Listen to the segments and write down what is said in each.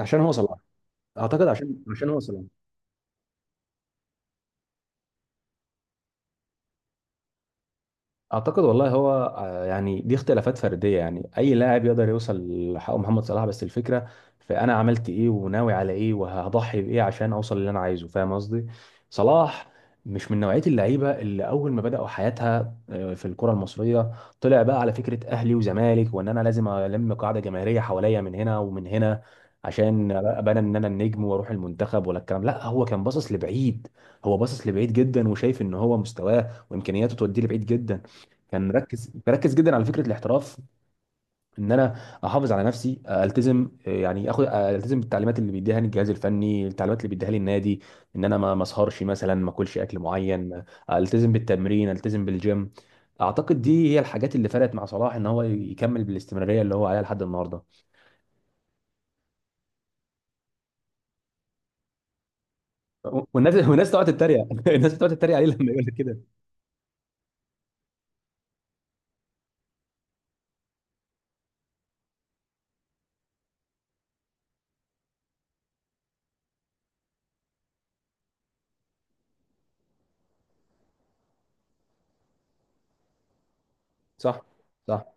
عشان هو صلاح. اعتقد عشان هو صلاح. اعتقد والله هو، يعني دي اختلافات فرديه. يعني اي لاعب يقدر يوصل لحق محمد صلاح، بس الفكره في انا عملت ايه وناوي على ايه وهضحي بايه عشان اوصل اللي انا عايزه. فاهم قصدي؟ صلاح مش من نوعيه اللعيبه اللي اول ما بداوا حياتها في الكره المصريه طلع بقى على فكره اهلي وزمالك، وان انا لازم الم قاعده جماهيريه حواليا من هنا ومن هنا عشان ابقى انا، انا النجم واروح المنتخب، ولا الكلام. لا، هو كان باصص لبعيد. هو باصص لبعيد جدا، وشايف ان هو مستواه وامكانياته توديه لبعيد جدا. كان مركز جدا على فكره الاحتراف، ان انا احافظ على نفسي، التزم، يعني اخد، التزم بالتعليمات اللي بيديها لي الجهاز الفني، التعليمات اللي بيديها لي النادي، ان انا ما اسهرش مثلا، ما اكلش اكل معين، التزم بالتمرين، التزم بالجيم. اعتقد دي هي الحاجات اللي فرقت مع صلاح، ان هو يكمل بالاستمراريه اللي هو عليها لحد النهارده. والناس تقعد تتريق الناس بتقعد تتريق عليه لما يقول لك كده. صح، صح،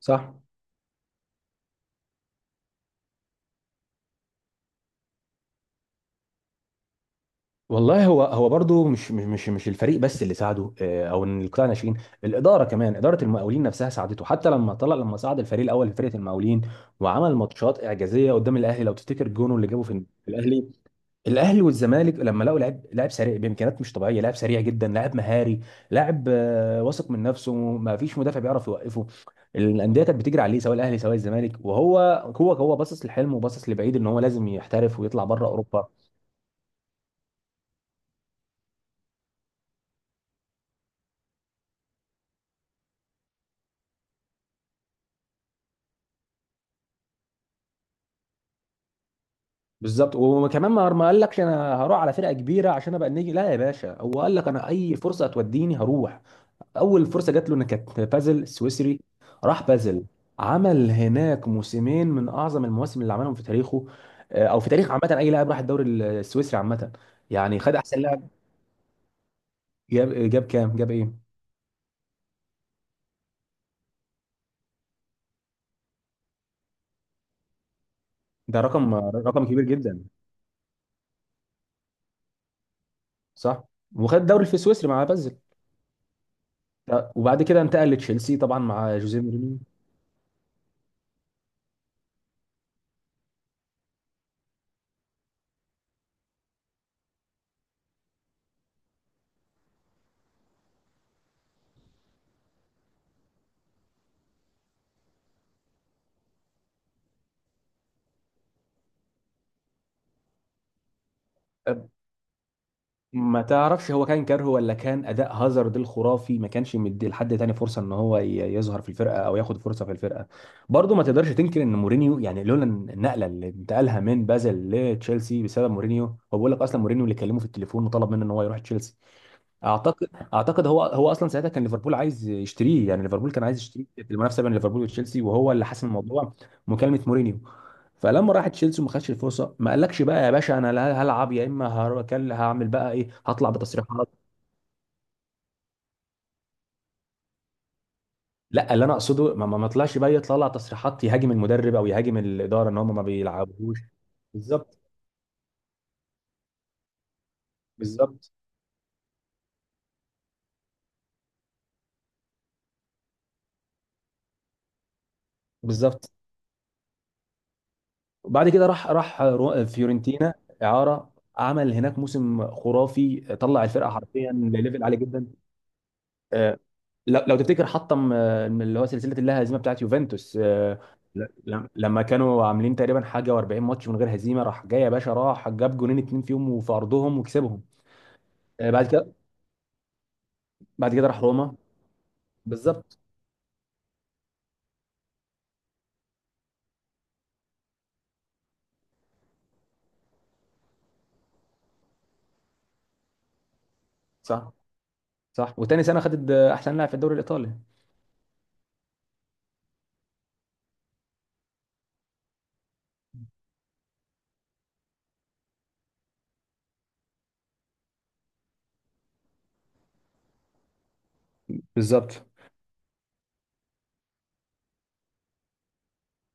صح. والله هو برضه مش الفريق بس اللي ساعده، او ان القطاع الناشئين، الاداره كمان، اداره المقاولين نفسها ساعدته حتى لما طلع، لما صعد الفريق الاول في فرقه المقاولين، وعمل ماتشات اعجازيه قدام الاهلي. لو تفتكر جونه اللي جابه في الاهلي. الاهلي والزمالك لما لقوا لاعب سريع بامكانيات مش طبيعيه، لاعب سريع جدا، لاعب مهاري، لاعب واثق من نفسه، ما فيش مدافع بيعرف يوقفه. الانديه كانت بتجري عليه سواء الاهلي سواء الزمالك، وهو، هو باصص لحلمه وباصص لبعيد، ان هو لازم يحترف ويطلع بره اوروبا. بالظبط، وكمان ما قال لكش انا هروح على فرقه كبيره عشان ابقى النجم. لا يا باشا، هو قال لك انا اي فرصه هتوديني هروح. اول فرصه جات له ان كانت بازل سويسري. راح بازل، عمل هناك موسمين من اعظم المواسم اللي عملهم في تاريخه، او في تاريخ عامه اي لاعب راح الدوري السويسري عامه. يعني خد احسن لاعب. جاب كام، جاب ايه؟ ده رقم، رقم كبير جدا. صح، وخد الدوري في السويسري مع بازل. وبعد كده انتقل لتشيلسي طبعا مع جوزيه مورينيو. ما تعرفش هو كان كارهه ولا كان اداء هازارد الخرافي ما كانش مدي لحد تاني فرصه ان هو يظهر في الفرقه او ياخد فرصه في الفرقه. برضه ما تقدرش تنكر ان مورينيو، يعني لولا النقله اللي انتقلها من بازل لتشيلسي بسبب مورينيو، هو بيقول لك اصلا مورينيو اللي كلمه في التليفون وطلب منه ان هو يروح تشيلسي. اعتقد اعتقد هو اصلا ساعتها كان ليفربول عايز يشتريه. يعني ليفربول كان عايز يشتريه في المنافسه بين ليفربول وتشيلسي، وهو اللي حسم الموضوع، مكالمه مورينيو. فلما راح تشيلسي وما خدش الفرصه، ما قالكش بقى يا باشا انا، لا هلعب يا اما هعمل بقى ايه، هطلع بتصريحات. لا، اللي انا اقصده ما طلعش بقى يطلع تصريحات يهاجم المدرب او يهاجم الاداره ان هم ما بيلعبوش. بالظبط، بالظبط، بالظبط. وبعد كده راح فيورنتينا، اعاره. عمل هناك موسم خرافي، طلع الفرقه حرفيا لليفل عالي جدا. آه، لو تفتكر حطم، من اللي هو سلسله اللاهزيمه بتاعت يوفنتوس، لما كانوا عاملين تقريبا حاجه و40 ماتش من غير هزيمه، راح جاي يا باشا راح جاب جونين اتنين فيهم وفي ارضهم وكسبهم. آه، بعد كده بعد كده راح روما. بالظبط. صح، صح. وتاني سنه خدت احسن لاعب في الدوري الايطالي. بالظبط.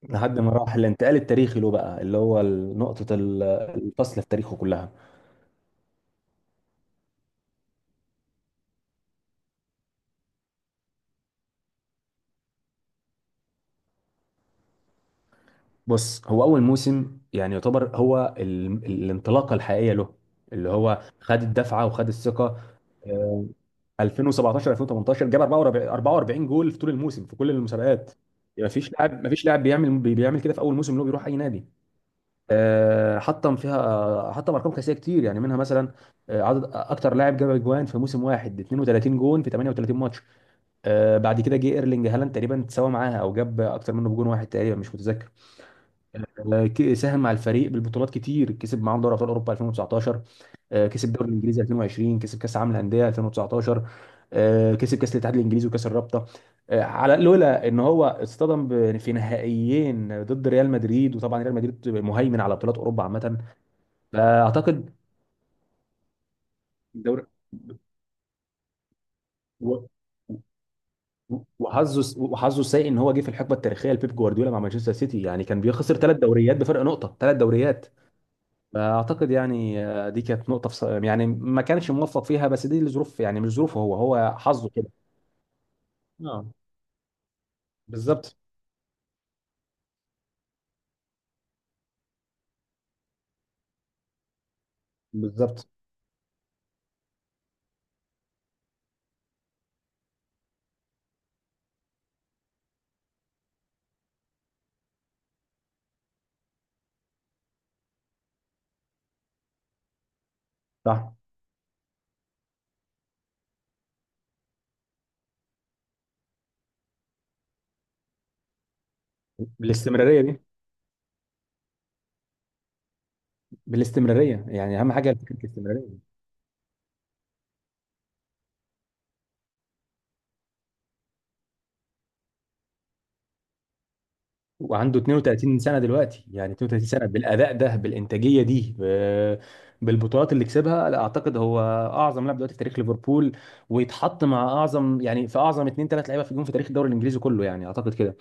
لحد ما راح الانتقال التاريخي له بقى اللي هو، نقطه الفصل في تاريخه كلها. بص، هو اول موسم يعني يعتبر هو الانطلاقه الحقيقيه له، اللي هو خد الدفعه وخد الثقه. آه، 2017 2018 جاب 44 جول في طول الموسم في كل المسابقات. يعني مفيش لاعب، مفيش لاعب بيعمل كده في اول موسم اللي هو بيروح اي نادي. حطم فيها، حطم ارقام قياسيه كتير يعني. منها مثلا عدد اكتر لاعب جاب اجوان في موسم واحد، 32 جون في 38 ماتش. بعد كده جه ايرلينج هالاند تقريبا تساوى معاها او جاب اكتر منه بجون واحد تقريبا، مش متذكر. ساهم مع الفريق بالبطولات كتير، كسب معاهم دوري ابطال اوروبا 2019. كسب الدوري الانجليزي 2020، كسب كاس العالم للانديه 2019. كسب كاس الاتحاد الانجليزي وكاس الرابطه. على، لولا ان هو اصطدم في نهائيين ضد ريال مدريد، وطبعا ريال مدريد مهيمن على بطولات اوروبا عامه. فاعتقد الدوري و- وحظه السيء ان هو جه في الحقبه التاريخيه لبيب جوارديولا مع مانشستر سيتي. يعني كان بيخسر ثلاث دوريات بفرق نقطه، ثلاث دوريات. اعتقد يعني دي كانت نقطه في يعني ما كانش موفق فيها، بس دي الظروف يعني، مش ظروفه هو، هو حظه كده. اه. بالظبط، بالظبط. صح. بالاستمراريه دي بالاستمراريه يعني اهم حاجه فكره الاستمراريه. وعنده 32 سنه دلوقتي، يعني 32 سنه بالاداء ده، بالانتاجيه دي، بالبطولات اللي كسبها، لا، اعتقد هو اعظم لاعب دلوقتي في تاريخ ليفربول. ويتحط مع اعظم، يعني في اعظم اثنين، ثلاث لعيبه في الجون في تاريخ الدوري الانجليزي كله. يعني اعتقد كده.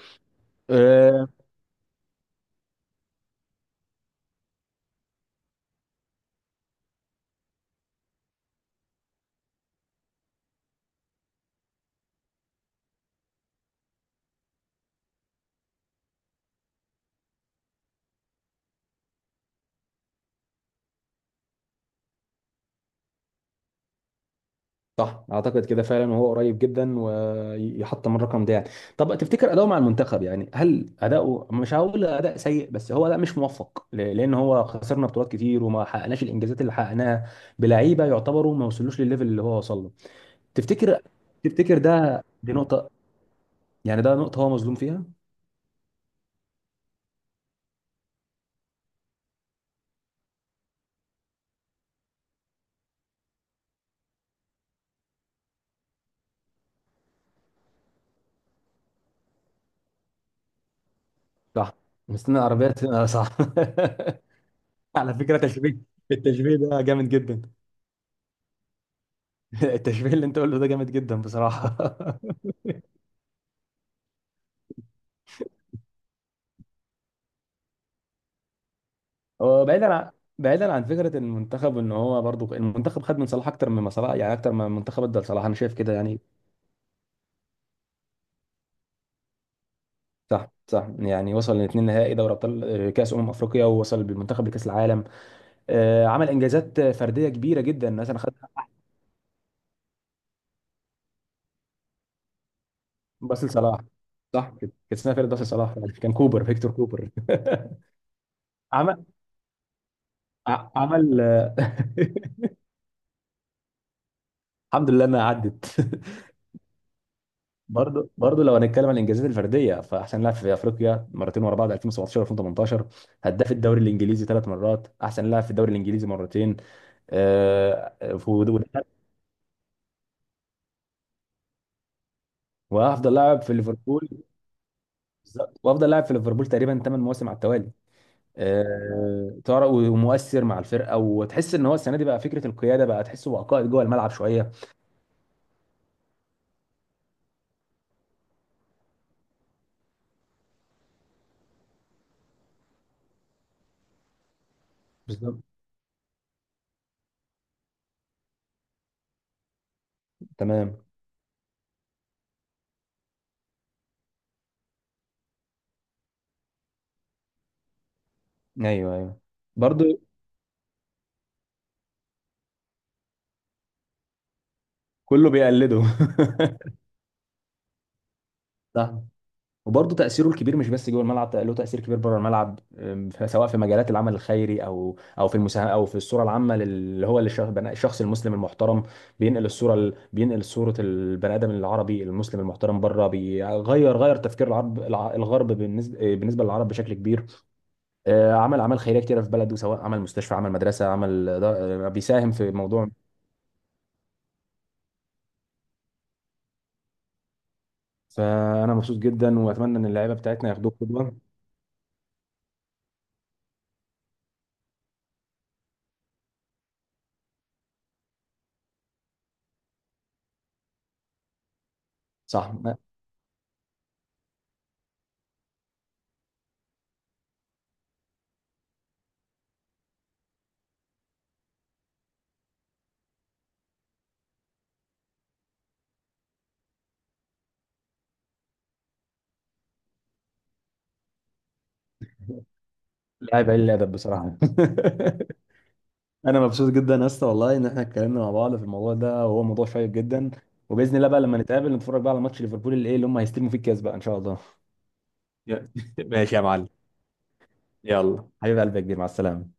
آه، صح، اعتقد كده فعلا، وهو قريب جدا ويحط من الرقم ده يعني. طب تفتكر اداؤه مع المنتخب، يعني هل اداؤه، مش هقول اداء سيء، بس هو اداء مش موفق؟ لان هو خسرنا بطولات كتير، وما حققناش الانجازات اللي حققناها بلعيبه يعتبروا ما وصلوش للليفل اللي هو وصل له. تفتكر تفتكر ده، دي نقطه، يعني ده نقطه هو مظلوم فيها. صح، مستني العربيه تنقل. صح. على فكره التشبيه ده جامد جدا. التشبيه اللي انت قلته ده جامد جدا بصراحه. هو بعيدا عن فكره المنتخب، ان هو برضو المنتخب خد من صلاح اكتر مما صلاح يعني، اكتر ما المنتخب ادى لصلاح. انا شايف كده يعني. صح، صح. يعني وصل لاثنين نهائي دوري ابطال، كاس افريقيا، ووصل بالمنتخب لكاس العالم. عمل انجازات فرديه كبيره جدا. مثلا خد، باص لصلاح. صح كده. كان اسمها فرقه باص لصلاح. كان كوبر، فيكتور كوبر. عمل عمل. الحمد لله انها عدت. برضه لو هنتكلم عن الانجازات الفرديه، فاحسن لاعب في افريقيا مرتين ورا بعض 2017 و2018. هداف الدوري الانجليزي ثلاث مرات، احسن لاعب في الدوري الانجليزي مرتين. آه، ف- وافضل لاعب في ليفربول. بالظبط. وافضل لاعب في ليفربول تقريبا ثمان مواسم على التوالي. تعرف، ومؤثر مع الفرقه، وتحس ان هو السنه دي بقى فكره القياده، بقى تحسه بقى قائد جوه الملعب شويه. بالظبط. تمام. ايوه، ايوه. برضه كله بيقلده. صح. وبرضه تأثيره الكبير مش بس جوه الملعب، له تأثير كبير بره الملعب. سواء في مجالات العمل الخيري، او في المساهمة، او في الصورة العامة اللي هو بناء الشخص المسلم المحترم. بينقل صورة البني آدم العربي المسلم المحترم بره، بيغير، غير تفكير العرب، الغرب بالنسبة للعرب بشكل كبير. عمل أعمال خيرية كتيرة في بلده، سواء عمل مستشفى، عمل مدرسة، عمل دا- آه، بيساهم في موضوع. فأنا مبسوط جدا، وأتمنى إن اللعيبة بتاعتنا ياخدوه قدوة. صح. لاعب قليل الأدب بصراحة. انا مبسوط جدا يا اسطى، والله ان احنا اتكلمنا مع بعض في الموضوع ده، وهو موضوع شيق جدا. وباذن الله بقى لما نتقابل نتفرج بقى على ماتش ليفربول اللي ايه اللي هم هيستلموا فيه الكاس بقى ان شاء الله. يا- ماشي يا معلم. يلا حبيب قلبي يا كبير، مع السلامه.